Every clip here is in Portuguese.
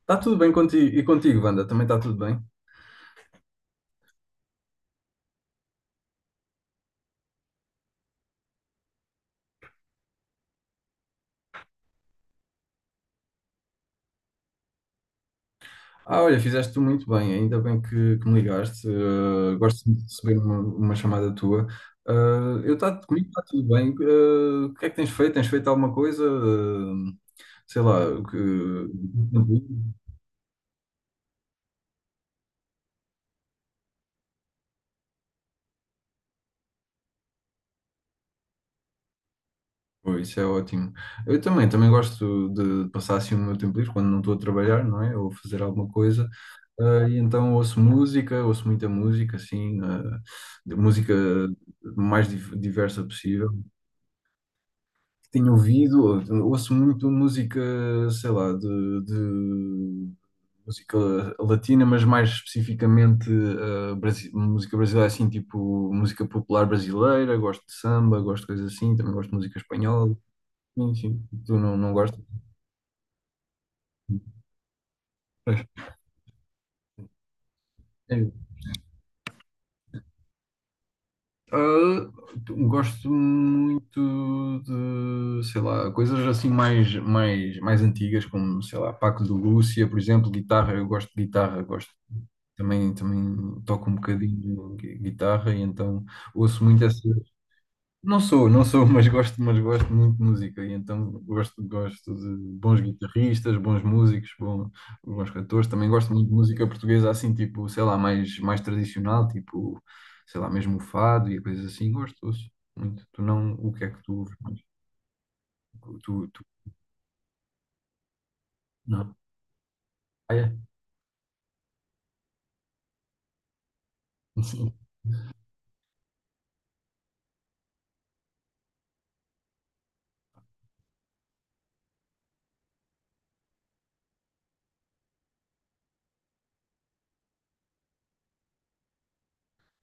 Está tudo bem contigo. E contigo, Wanda, também está tudo bem? Ah, olha, fizeste tu muito bem, ainda bem que me ligaste. Gosto muito de receber uma chamada tua. Eh, Comigo está tudo bem. O que é que tens feito? Tens feito alguma coisa? Sei lá, o que. Pô, isso é ótimo. Eu também gosto de passar assim o meu tempo livre quando não estou a trabalhar, não é? Ou a fazer alguma coisa. Ah, e então ouço música, ouço muita música, assim, de música mais diversa possível. Tenho ouvido, ouço muito música, sei lá, de música latina, mas mais especificamente música brasileira, assim, tipo música popular brasileira, gosto de samba, gosto de coisas assim, também gosto de música espanhola. Sim, sim. Tu não gostas? Pois. É. Ah, gosto muito de, sei lá, coisas assim mais antigas, como, sei lá, Paco de Lúcia, por exemplo, guitarra. Eu gosto de guitarra, gosto. Também toco um bocadinho de guitarra e então ouço muito essa. Não sou, mas gosto muito de música e então gosto de bons guitarristas, bons músicos, bons cantores. Também gosto muito de música portuguesa assim, tipo, sei lá, mais tradicional, tipo, sei lá, mesmo o fado e coisas assim. Gosto, ouço muito. Tu não, o que é que tu ouves mais? Tu, não. Ah, é? Sim.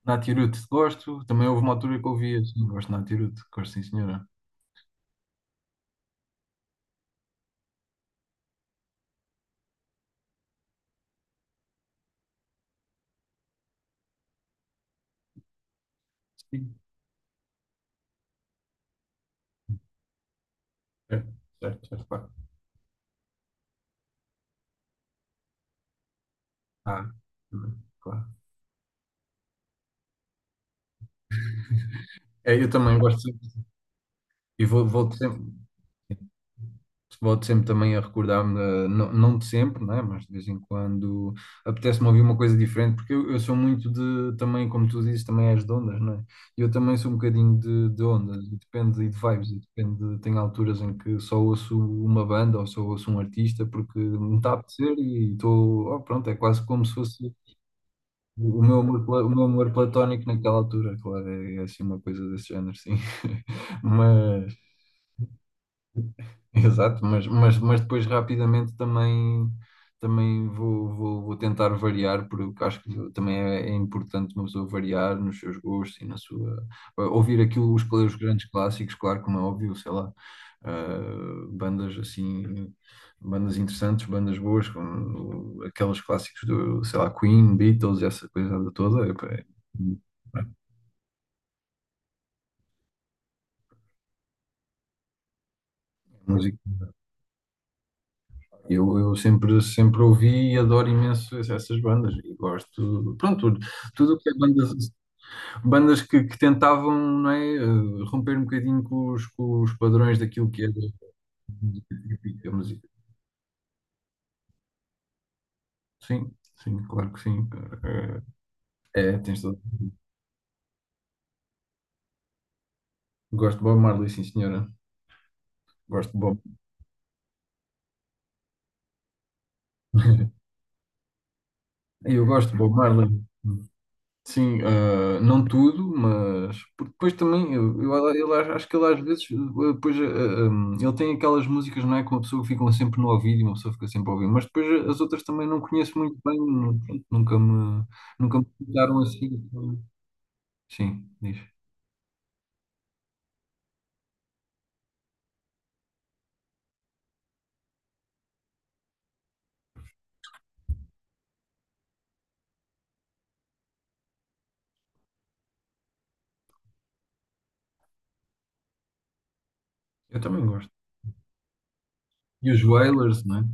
Nath Hiruto, gosto. Também houve uma altura que ouvia, sim, gosto de Nath Hiruto, gosto sim, senhora. Sim, certo, certo, certo, pá. Ah, também, claro. É, eu também gosto sempre. E volto sempre. Volto sempre também a recordar-me, não, não de sempre, né? Mas de vez em quando apetece-me ouvir uma coisa diferente, porque eu sou muito de, também, como tu dizes, também és de ondas, não é? Eu também sou um bocadinho de ondas, e depende, e de vibes, e depende, tem alturas em que só ouço uma banda ou só ouço um artista, porque me está a apetecer e estou, oh, pronto, é quase como se fosse o meu amor, o meu amor platónico naquela altura, claro, é assim uma coisa desse género, sim. mas Exato, mas depois rapidamente também vou tentar variar, porque acho que também é importante uma pessoa variar nos seus gostos e na sua. Ouvir aquilo, os grandes clássicos, claro, como é óbvio, sei lá, bandas assim, bandas interessantes, bandas boas, como aqueles clássicos do, sei lá, Queen, Beatles, essa coisa toda, é, é, música. Eu sempre ouvi e adoro imenso essas bandas e gosto, pronto, tudo o que é bandas, bandas que tentavam, não é, romper um bocadinho com os padrões daquilo que era a música. Sim, sim, claro que sim. Eh, É, tens todo. Gosto de Bob Marley, sim, senhora. Gosto de Bob. Eu gosto de Bob Marley. Sim, ah, não tudo, mas porque depois também ele acho que ele às vezes depois ele tem aquelas músicas, não é? Que uma pessoa fica um sempre no ouvido e uma pessoa fica sempre a ouvir, mas depois as outras também não conheço muito bem, pronto, nunca me ficaram assim. Então. Sim, diz. Eu também gosto. E os Wailers, não é?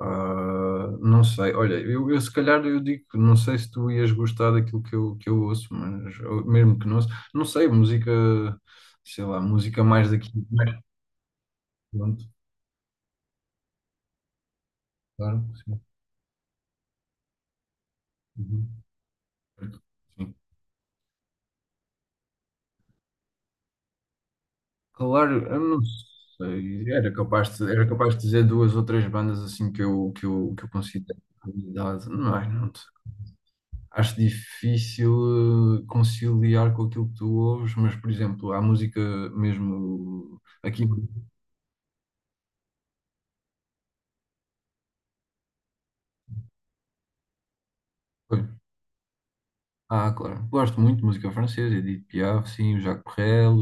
Ah, não sei, olha, eu se calhar eu digo, que não sei se tu ias gostar daquilo que eu ouço, mas ou mesmo que não ouço, não sei, música sei lá, música mais daqui. Pronto, claro sim. Uhum. Sim. Claro, eu não sei. Era capaz de dizer duas ou três bandas assim que eu considero qualidade. Não, não sei. Acho difícil conciliar com aquilo que tu ouves, mas, por exemplo, há música mesmo aqui. Ah, claro. Gosto muito de música francesa, Edith Piaf, sim, o Jacques Brel,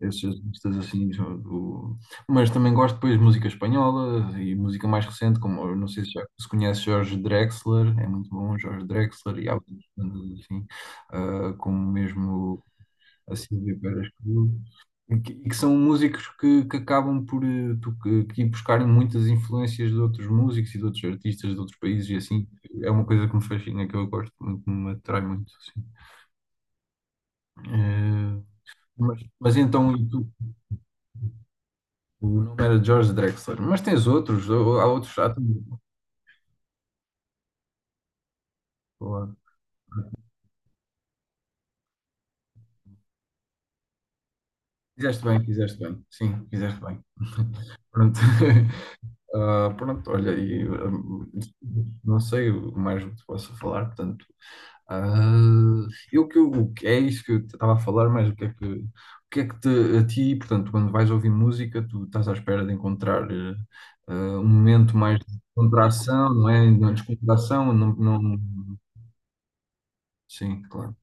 esses artistas assim. Mas também gosto depois de música espanhola e música mais recente, como eu não sei se já se conhece Jorge Drexler, é muito bom, Jorge Drexler, e há outros bandas assim, como mesmo a Silvia Pérez Cruz. E que são músicos que acabam por eh, tu- que ir buscarem muitas influências de outros músicos e de outros artistas de outros países e assim. É uma coisa que me fascina, que eu gosto muito, que me atrai muito, assim. Eh, mas então, e tu? O nome era George Drexler, mas tens outros, há outros, há também. Boa. Fizeste bem, sim, fizeste bem. Pronto, Ah, pronto, olha, não sei o mais o que posso falar, portanto. Ah, eu que eu- o que- É isso que eu estava a falar, mas o que é que te, a ti, portanto, quando vais ouvir música, tu estás à espera de encontrar ah, um momento mais de contração, não é? De descontração, não, não, sim, claro.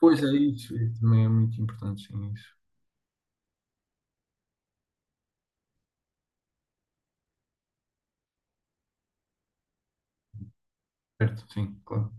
Pois é isso, isso também é muito importante, sim, isso. Certo, sim, claro.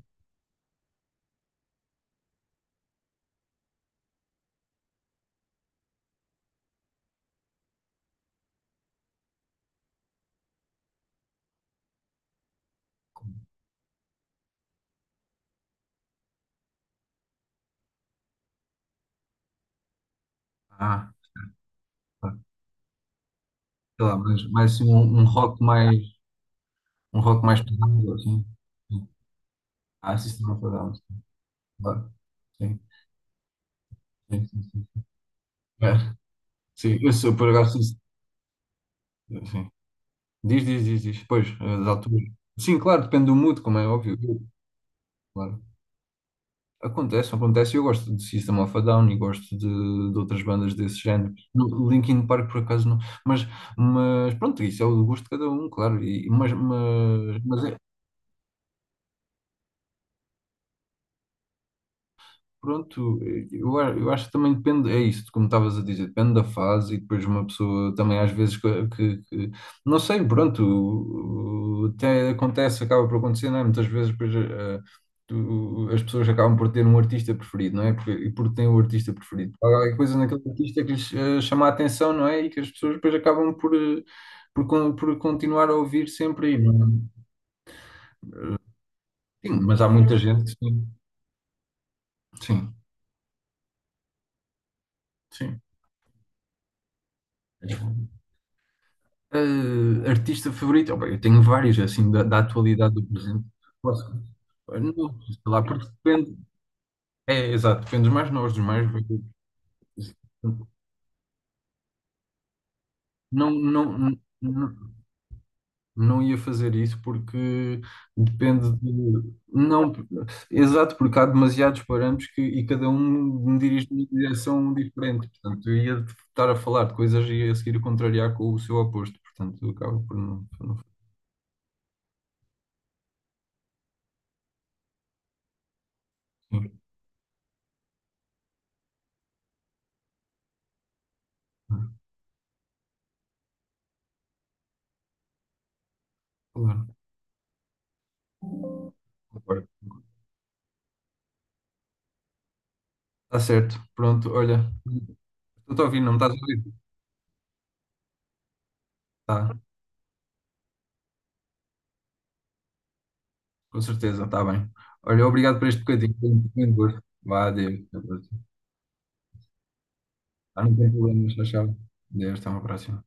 Ah, tá. Sei lá, mas mais assim, um rock mais pesado, assim. System of a Down, claro. Sim, sim, sim. Sim. É. Sim, eu sou, por acaso. Sim. Diz, diz, diz, diz. Pois, as alturas. Sim, claro, depende do mood, como é óbvio. Claro. Acontece, acontece. Eu gosto de System of a Down e gosto de outras bandas desse género. Linkin Park, por acaso, não. Mas, mas pronto, isso é o gosto de cada um, claro. E, mas é. Pronto, eu acho que também depende, é isso, como estavas a dizer, depende da fase e depois uma pessoa também às vezes não sei, pronto, até acontece, acaba por acontecer, não é? Muitas vezes depois as pessoas acabam por ter um artista preferido, não é? Porque, e porque têm o artista preferido. Há qualquer coisa naquele artista que lhes chama a atenção, não é? E que as pessoas depois acabam por continuar a ouvir sempre aí, não é? Sim, mas há muita gente, que sim, sim, sim. Artista favorito? Oh, bem, eu tenho vários, assim, da atualidade do presente. Posso? Não, sei lá, porque depende. É, exato, depende dos mais novos, dos mais velhos. Não, não, não, não ia fazer isso porque depende de. Não, exato, porque há demasiados parâmetros que, e cada um me dirige numa direção diferente. Portanto, eu ia estar a falar de coisas e ia a seguir contrariar com o seu oposto. Portanto, acaba por não. Sim, claro. Está certo. Pronto, olha. Estou a ouvir, não me estás a ouvir? Tá, com certeza, está bem. Olha, obrigado por este bocadinho. Foi um gosto. Vá, adeus. Adeus. Ah, não tem problema, tchau. Tchau. Adeus, até uma próxima.